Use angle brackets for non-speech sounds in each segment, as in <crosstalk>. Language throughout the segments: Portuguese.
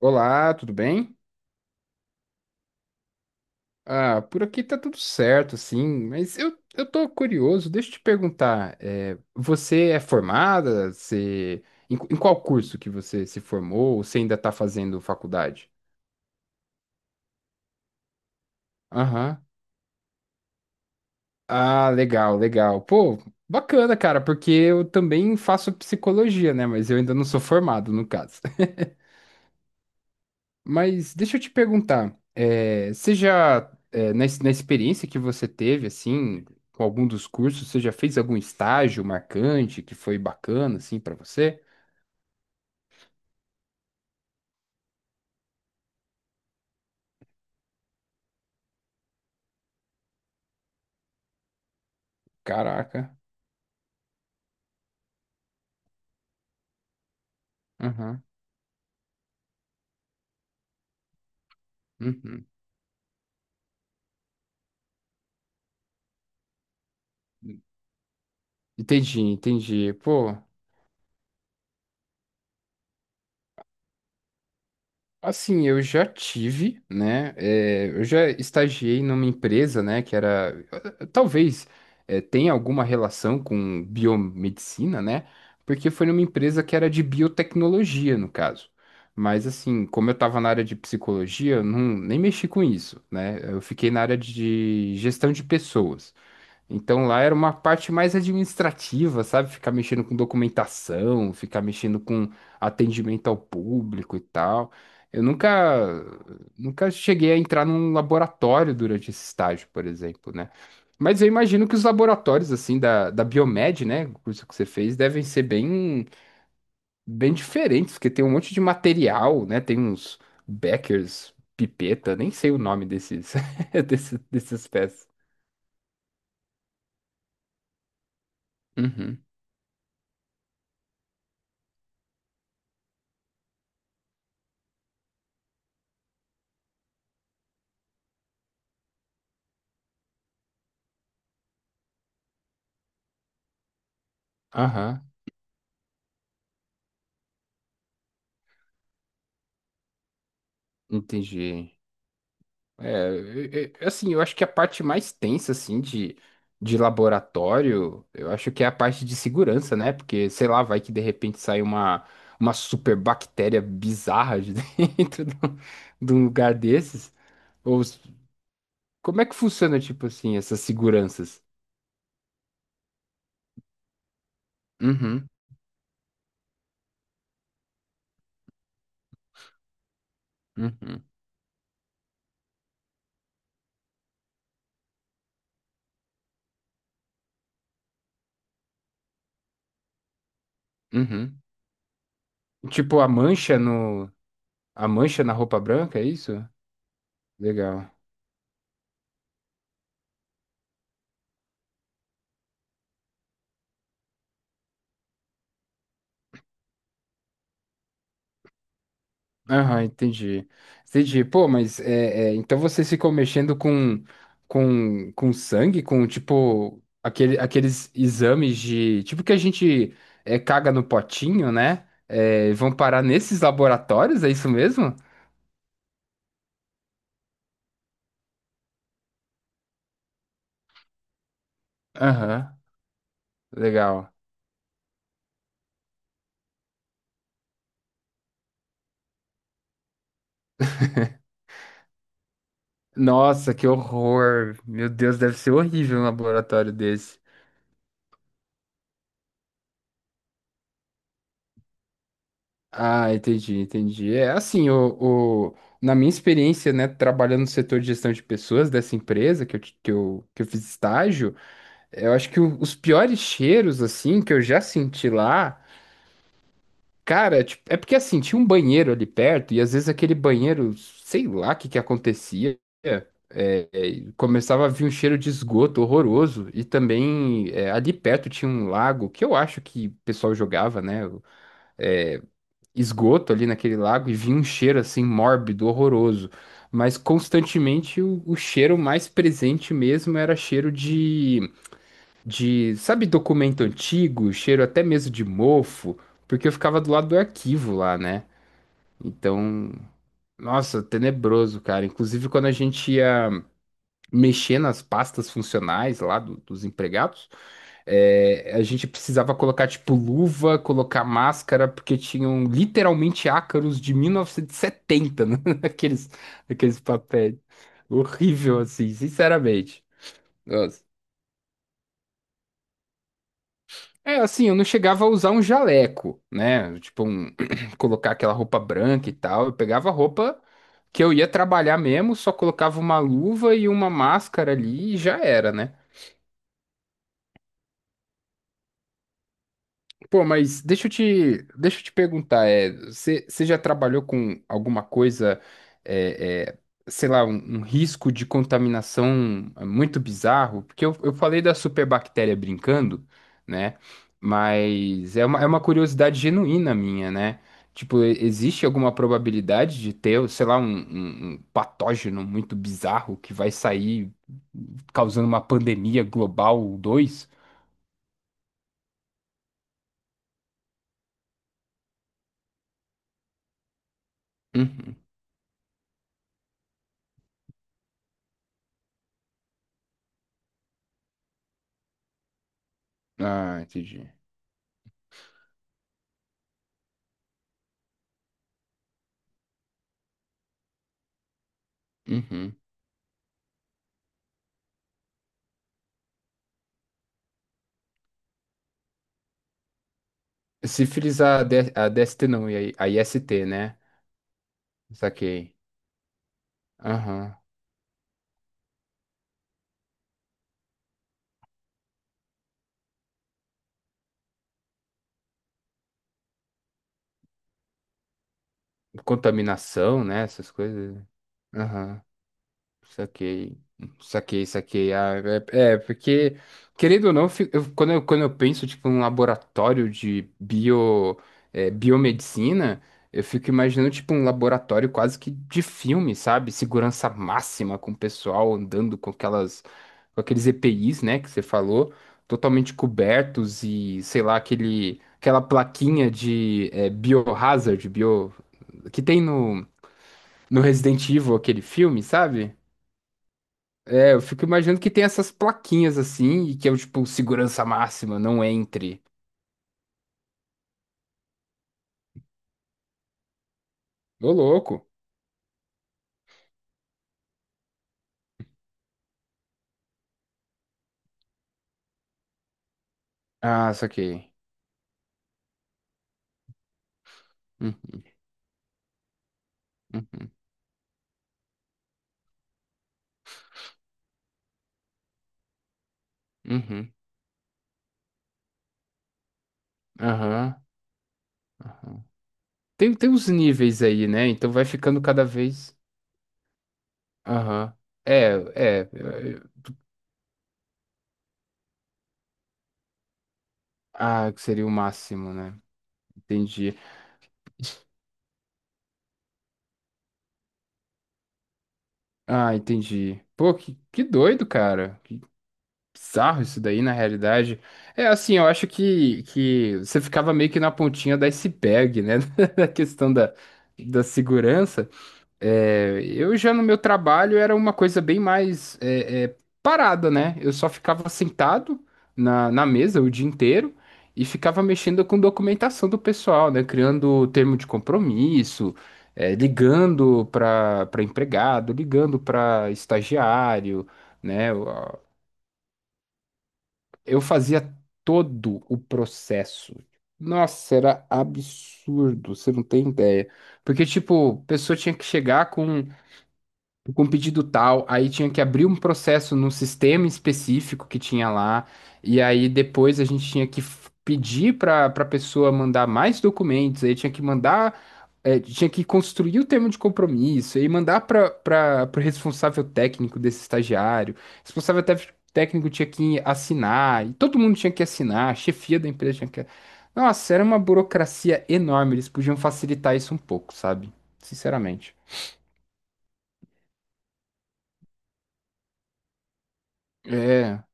Olá, tudo bem? Ah, por aqui tá tudo certo, sim, mas eu tô curioso, deixa eu te perguntar, você é formada? Você, em qual curso que você se formou? Ou você ainda tá fazendo faculdade? Aham. Ah, legal, legal. Pô, bacana, cara, porque eu também faço psicologia, né? Mas eu ainda não sou formado, no caso. Mas deixa eu te perguntar, você já, na experiência que você teve, assim, com algum dos cursos, você já fez algum estágio marcante que foi bacana, assim, pra você? Caraca. Aham. Uhum. Entendi, entendi. Pô. Assim, eu já tive, né? Eu já estagiei numa empresa, né? Que era, talvez, tenha alguma relação com biomedicina, né? Porque foi numa empresa que era de biotecnologia, no caso. Mas, assim, como eu estava na área de psicologia, eu não, nem mexi com isso, né? Eu fiquei na área de gestão de pessoas. Então lá era uma parte mais administrativa, sabe? Ficar mexendo com documentação, ficar mexendo com atendimento ao público e tal. Eu nunca, nunca cheguei a entrar num laboratório durante esse estágio, por exemplo, né? Mas eu imagino que os laboratórios, assim, da, Biomed, né? O curso que você fez, devem ser bem, bem diferentes, porque tem um monte de material, né? Tem uns Beckers, pipeta, nem sei o nome desses, <laughs> dessas peças. Uhum. Aham. Entendi. Assim, eu acho que a parte mais tensa, assim, de laboratório, eu acho que é a parte de segurança, né? Porque, sei lá, vai que de repente sai uma super bactéria bizarra de <laughs> dentro de um lugar desses. Ou s- como é que funciona, tipo assim, essas seguranças? Uhum, uhum, uhum. Tipo, a mancha no, a mancha na roupa branca, é isso? Legal. Aham, entendi. Entendi. Pô, mas então vocês ficam mexendo com sangue, com tipo aqueles exames de. Tipo que a gente caga no potinho, né? É, vão parar nesses laboratórios, é isso mesmo? Aham, legal. Nossa, que horror. Meu Deus, deve ser horrível um laboratório desse. Ah, entendi, entendi. É assim, na minha experiência, né, trabalhando no setor de gestão de pessoas dessa empresa que eu fiz estágio, eu acho que os piores cheiros, assim, que eu já senti lá, cara, tipo, é porque, assim, tinha um banheiro ali perto e, às vezes, aquele banheiro, sei lá o que que acontecia, é, começava a vir um cheiro de esgoto horroroso e também, ali perto tinha um lago que eu acho que o pessoal jogava, né, esgoto ali naquele lago e vinha um cheiro assim mórbido, horroroso. Mas constantemente o cheiro mais presente mesmo era cheiro de, sabe, documento antigo, cheiro até mesmo de mofo, porque eu ficava do lado do arquivo lá, né? Então, nossa, tenebroso, cara. Inclusive, quando a gente ia mexer nas pastas funcionais lá dos empregados, a gente precisava colocar, tipo, luva, colocar máscara, porque tinham literalmente ácaros de 1970, né, <laughs> naqueles, naqueles papéis. Horrível, assim, sinceramente. Nossa. É, assim, eu não chegava a usar um jaleco, né? Tipo, um, <clears throat> colocar aquela roupa branca e tal. Eu pegava a roupa que eu ia trabalhar mesmo, só colocava uma luva e uma máscara ali e já era, né? Pô, mas deixa eu te perguntar, você já trabalhou com alguma coisa, é, é, sei lá, um risco de contaminação muito bizarro? Porque eu falei da superbactéria brincando, né? Mas é uma curiosidade genuína minha, né? Tipo, existe alguma probabilidade de ter, sei lá, um, um patógeno muito bizarro que vai sair causando uma pandemia global dois? Uhum. Ah, entendi. Uhum. Sífilis a DST não, e a IST, né? Saquei. Aham. Contaminação, né? Essas coisas. Aham. Saquei, saquei, saquei. Ah, porque, querendo ou não, quando eu penso, tipo, um laboratório de biomedicina, eu fico imaginando, tipo, um laboratório quase que de filme, sabe? Segurança máxima, com o pessoal andando com com aqueles EPIs, né, que você falou, totalmente cobertos e, sei lá, aquela plaquinha de biohazard, que tem no Resident Evil, aquele filme, sabe? É, eu fico imaginando que tem essas plaquinhas assim, e que é o tipo segurança máxima, não entre. Ô, louco. Ah, saquei. Uhum, uhum, uhum, aham, aham. Tem uns níveis aí, né? Então vai ficando cada vez. Aham. É, é. É, é. Ah, que seria o máximo, né? Entendi. Ah, entendi. Pô, que doido, cara. Bizarro isso daí, na realidade. É assim, eu acho que você ficava meio que na pontinha do iceberg, né? <laughs> Na questão da, segurança. É, eu já no meu trabalho era uma coisa bem mais parada, né? Eu só ficava sentado na mesa o dia inteiro e ficava mexendo com documentação do pessoal, né? Criando termo de compromisso, ligando para empregado, ligando para estagiário, né? Eu fazia todo o processo. Nossa, era absurdo, você não tem ideia. Porque, tipo, a pessoa tinha que chegar com um pedido tal, aí tinha que abrir um processo num sistema específico que tinha lá, e aí depois a gente tinha que pedir para a pessoa mandar mais documentos, aí tinha que mandar, tinha que construir o termo de compromisso, e mandar para o responsável técnico desse estagiário, responsável técnico tinha que assinar, e todo mundo tinha que assinar, a chefia da empresa tinha que... Nossa, era uma burocracia enorme, eles podiam facilitar isso um pouco, sabe? Sinceramente. É.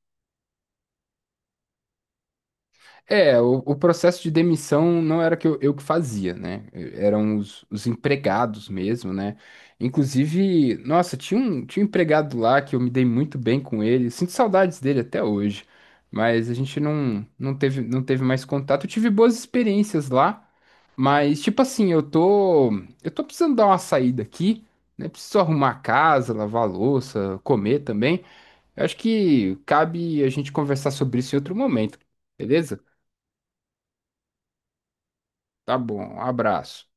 É, o processo de demissão não era que eu que fazia, né? Eram os empregados mesmo, né? Inclusive, nossa, tinha um empregado lá que eu me dei muito bem com ele. Sinto saudades dele até hoje, mas a gente não teve mais contato. Eu tive boas experiências lá, mas tipo assim, eu tô precisando dar uma saída aqui, né? Preciso arrumar a casa, lavar a louça, comer também. Eu acho que cabe a gente conversar sobre isso em outro momento, beleza? Tá bom, abraço.